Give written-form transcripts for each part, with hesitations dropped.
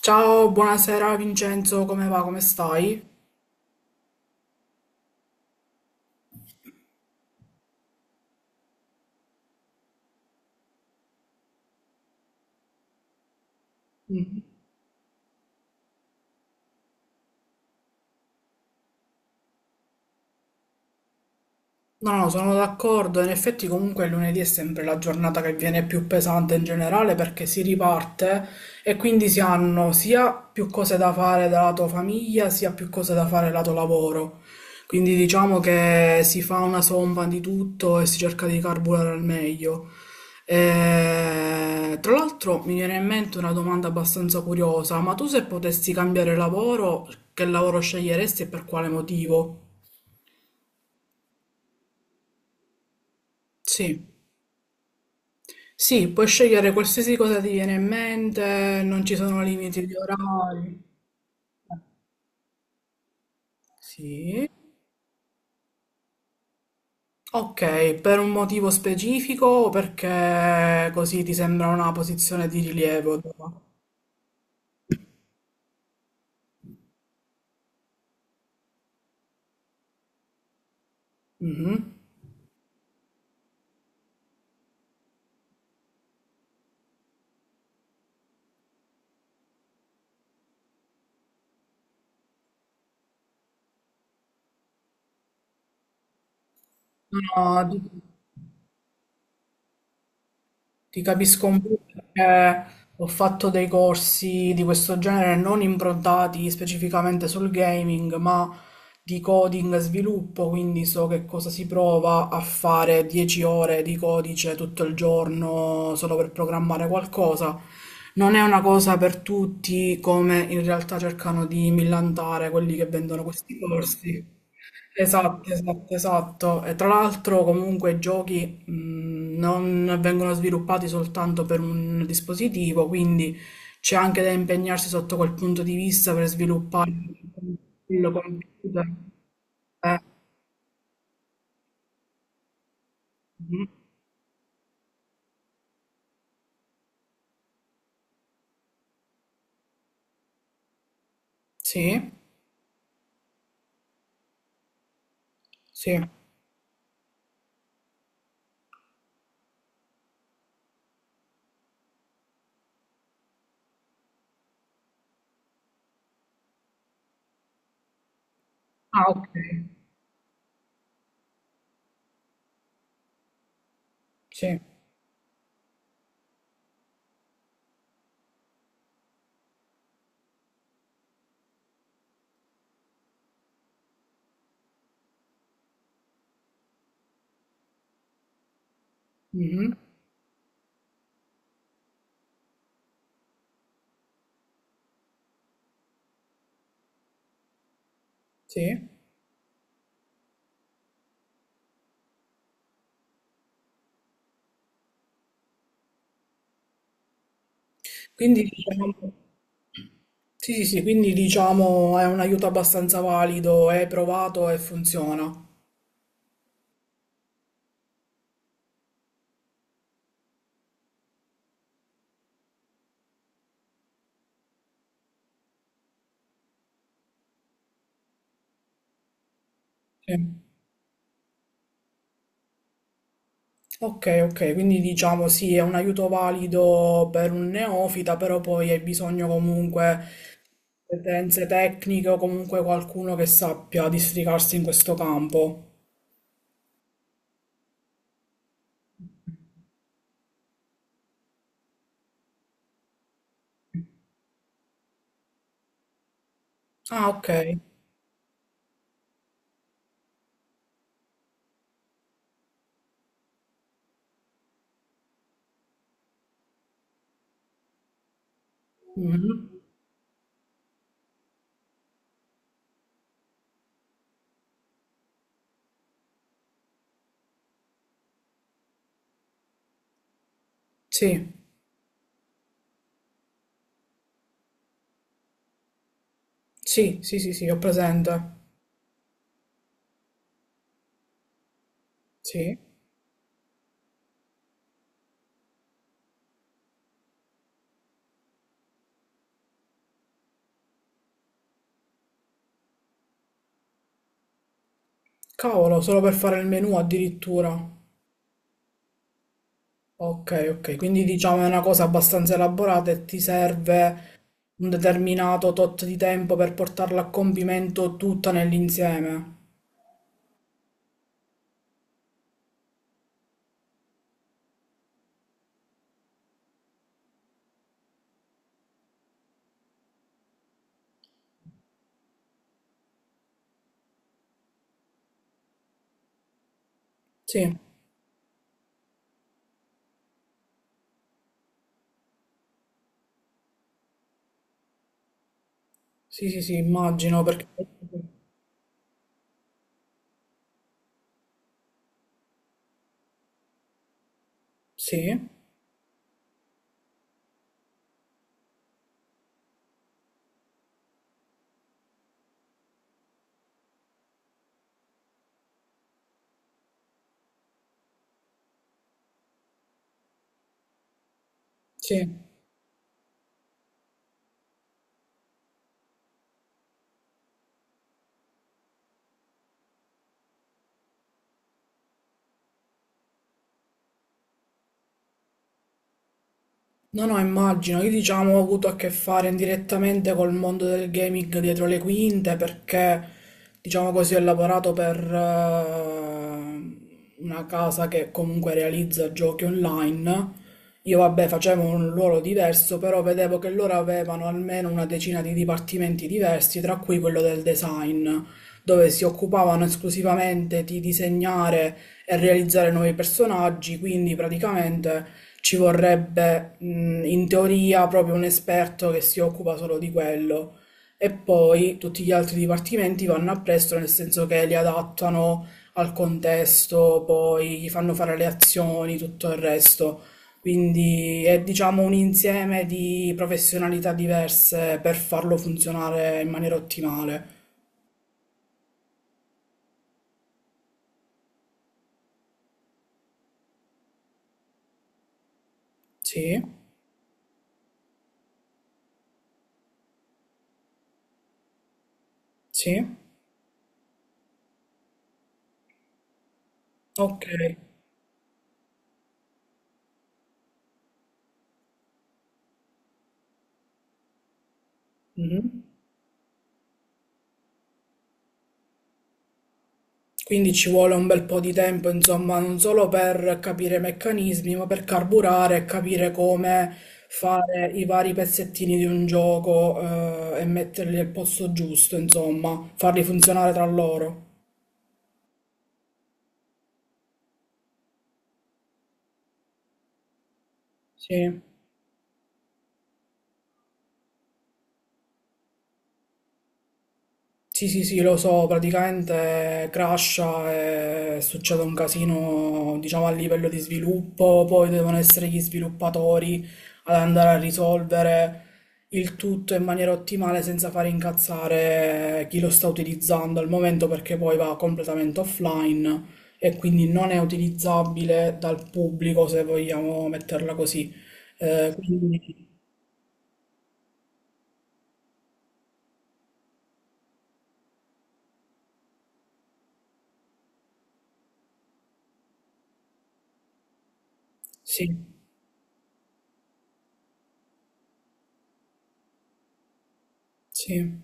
Ciao, buonasera Vincenzo, come va, come stai? No, no, sono d'accordo. In effetti comunque il lunedì è sempre la giornata che viene più pesante in generale perché si riparte e quindi si hanno sia più cose da fare da lato famiglia, sia più cose da fare lato lavoro. Quindi diciamo che si fa una somma di tutto e si cerca di carburare al meglio. Tra l'altro mi viene in mente una domanda abbastanza curiosa, ma tu se potessi cambiare lavoro, che lavoro sceglieresti e per quale motivo? Sì. Sì, puoi scegliere qualsiasi cosa ti viene in mente, non ci sono limiti di orari. Sì. Ok, per un motivo specifico o perché così ti sembra una posizione di rilievo tua? Mhm. No, no, ti capisco un po' perché ho fatto dei corsi di questo genere non improntati specificamente sul gaming, ma di coding e sviluppo, quindi so che cosa si prova a fare 10 ore di codice tutto il giorno solo per programmare qualcosa. Non è una cosa per tutti, come in realtà cercano di millantare quelli che vendono questi corsi. Esatto, esatto, esatto. E tra l'altro comunque i giochi non vengono sviluppati soltanto per un dispositivo, quindi c'è anche da impegnarsi sotto quel punto di vista per sviluppare il computer. Eh, mhm. Sì, sì. Ah, ok. Sì. Mhm. Sì. Quindi diciamo, sì, sì, sì, quindi diciamo è un aiuto abbastanza valido, è provato e funziona. Sì. Ok, ok, quindi diciamo sì, è un aiuto valido per un neofita, però poi hai bisogno comunque di competenze tecniche o comunque qualcuno che sappia districarsi in questo campo. Ah, ok. Mhm. Sì, sì, sì, sì, sì, ho presente. Sì. Cavolo, solo per fare il menu addirittura. Ok, ok, quindi diciamo è una cosa abbastanza elaborata e ti serve un determinato tot di tempo per portarla a compimento tutta nell'insieme. Sì, sì, sì, sì, immagino perché sì, sì. No, no, immagino. Io diciamo ho avuto a che fare indirettamente col mondo del gaming dietro le quinte perché, diciamo così, ho lavorato per una casa che comunque realizza giochi online. Io vabbè facevo un ruolo diverso, però vedevo che loro avevano almeno una decina di dipartimenti diversi, tra cui quello del design, dove si occupavano esclusivamente di disegnare e realizzare nuovi personaggi, quindi praticamente... Ci vorrebbe, in teoria proprio un esperto che si occupa solo di quello e poi tutti gli altri dipartimenti vanno appresso, nel senso che li adattano al contesto, poi gli fanno fare le azioni, tutto il resto. Quindi è diciamo un insieme di professionalità diverse per farlo funzionare in maniera ottimale. Sì, sì, ok. Mhm. Quindi ci vuole un bel po' di tempo, insomma, non solo per capire i meccanismi, ma per carburare e capire come fare i vari pezzettini di un gioco, e metterli al posto giusto, insomma, farli funzionare tra loro. Sì. Sì, sì, sì, lo so, praticamente crasha e succede un casino, diciamo, a livello di sviluppo, poi devono essere gli sviluppatori ad andare a risolvere il tutto in maniera ottimale senza fare incazzare chi lo sta utilizzando al momento perché poi va completamente offline e quindi non è utilizzabile dal pubblico se vogliamo metterla così. Quindi sì, sì.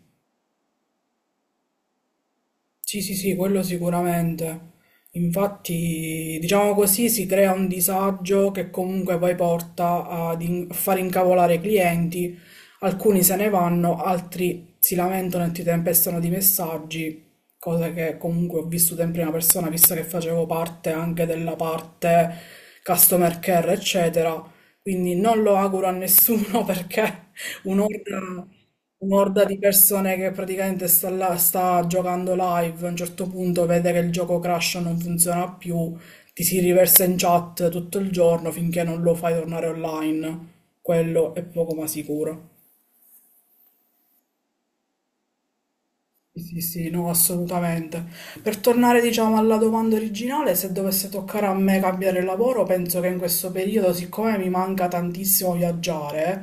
Sì, sì, sì, quello sicuramente. Infatti, diciamo così, si crea un disagio che comunque poi porta ad a far incavolare i clienti. Alcuni se ne vanno, altri si lamentano e ti tempestano di messaggi, cosa che comunque ho vissuto in prima persona, visto che facevo parte anche della parte customer care, eccetera. Quindi non lo auguro a nessuno perché un'orda un'orda di persone che praticamente sta là, sta giocando live, a un certo punto vede che il gioco crasha, non funziona più, ti si riversa in chat tutto il giorno finché non lo fai tornare online. Quello è poco ma sicuro. Sì, sì, sì, no, assolutamente. Per tornare, diciamo, alla domanda originale, se dovesse toccare a me cambiare lavoro, penso che in questo periodo, siccome mi manca tantissimo viaggiare,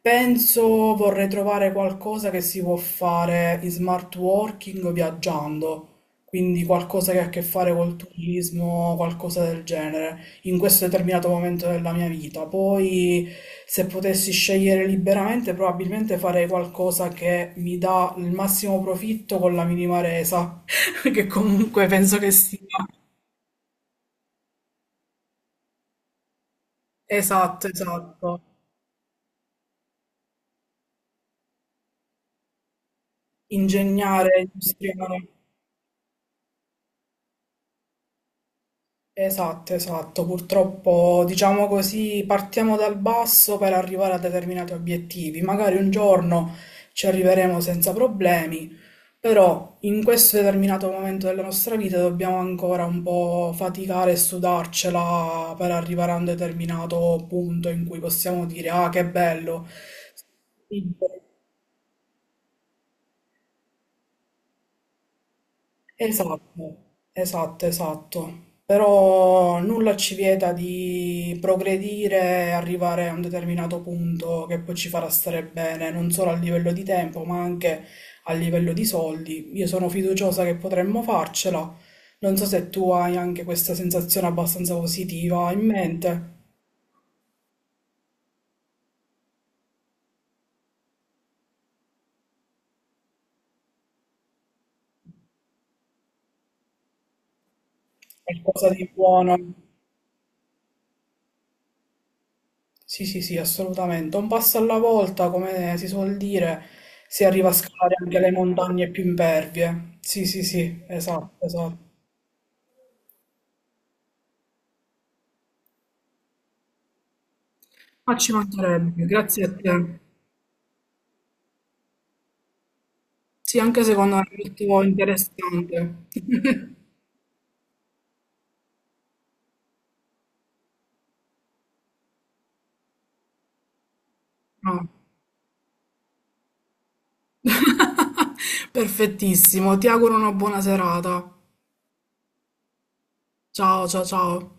penso vorrei trovare qualcosa che si può fare in smart working viaggiando, quindi qualcosa che ha a che fare col turismo, qualcosa del genere in questo determinato momento della mia vita. Poi, se potessi scegliere liberamente, probabilmente farei qualcosa che mi dà il massimo profitto con la minima resa, che comunque penso che sia esatto, esatto. Ingegnare, industriale. Esatto, esatto. Purtroppo, diciamo così, partiamo dal basso per arrivare a determinati obiettivi. Magari un giorno ci arriveremo senza problemi, però in questo determinato momento della nostra vita dobbiamo ancora un po' faticare e sudarcela per arrivare a un determinato punto in cui possiamo dire, ah, che bello. Esatto, esatto, esatto. Però nulla ci vieta di progredire e arrivare a un determinato punto che poi ci farà stare bene, non solo a livello di tempo, ma anche a livello di soldi. Io sono fiduciosa che potremmo farcela. Non so se tu hai anche questa sensazione abbastanza positiva in mente, qualcosa di buono. Sì, sì, sì, assolutamente. Un passo alla volta, come si suol dire, si arriva a scalare anche le montagne più impervie. Sì, sì, sì, esatto, esatto. Ma ci mancherebbe, grazie a te. Sì, anche secondo me è molto interessante. No. Perfettissimo, ti auguro una buona serata. Ciao, ciao, ciao.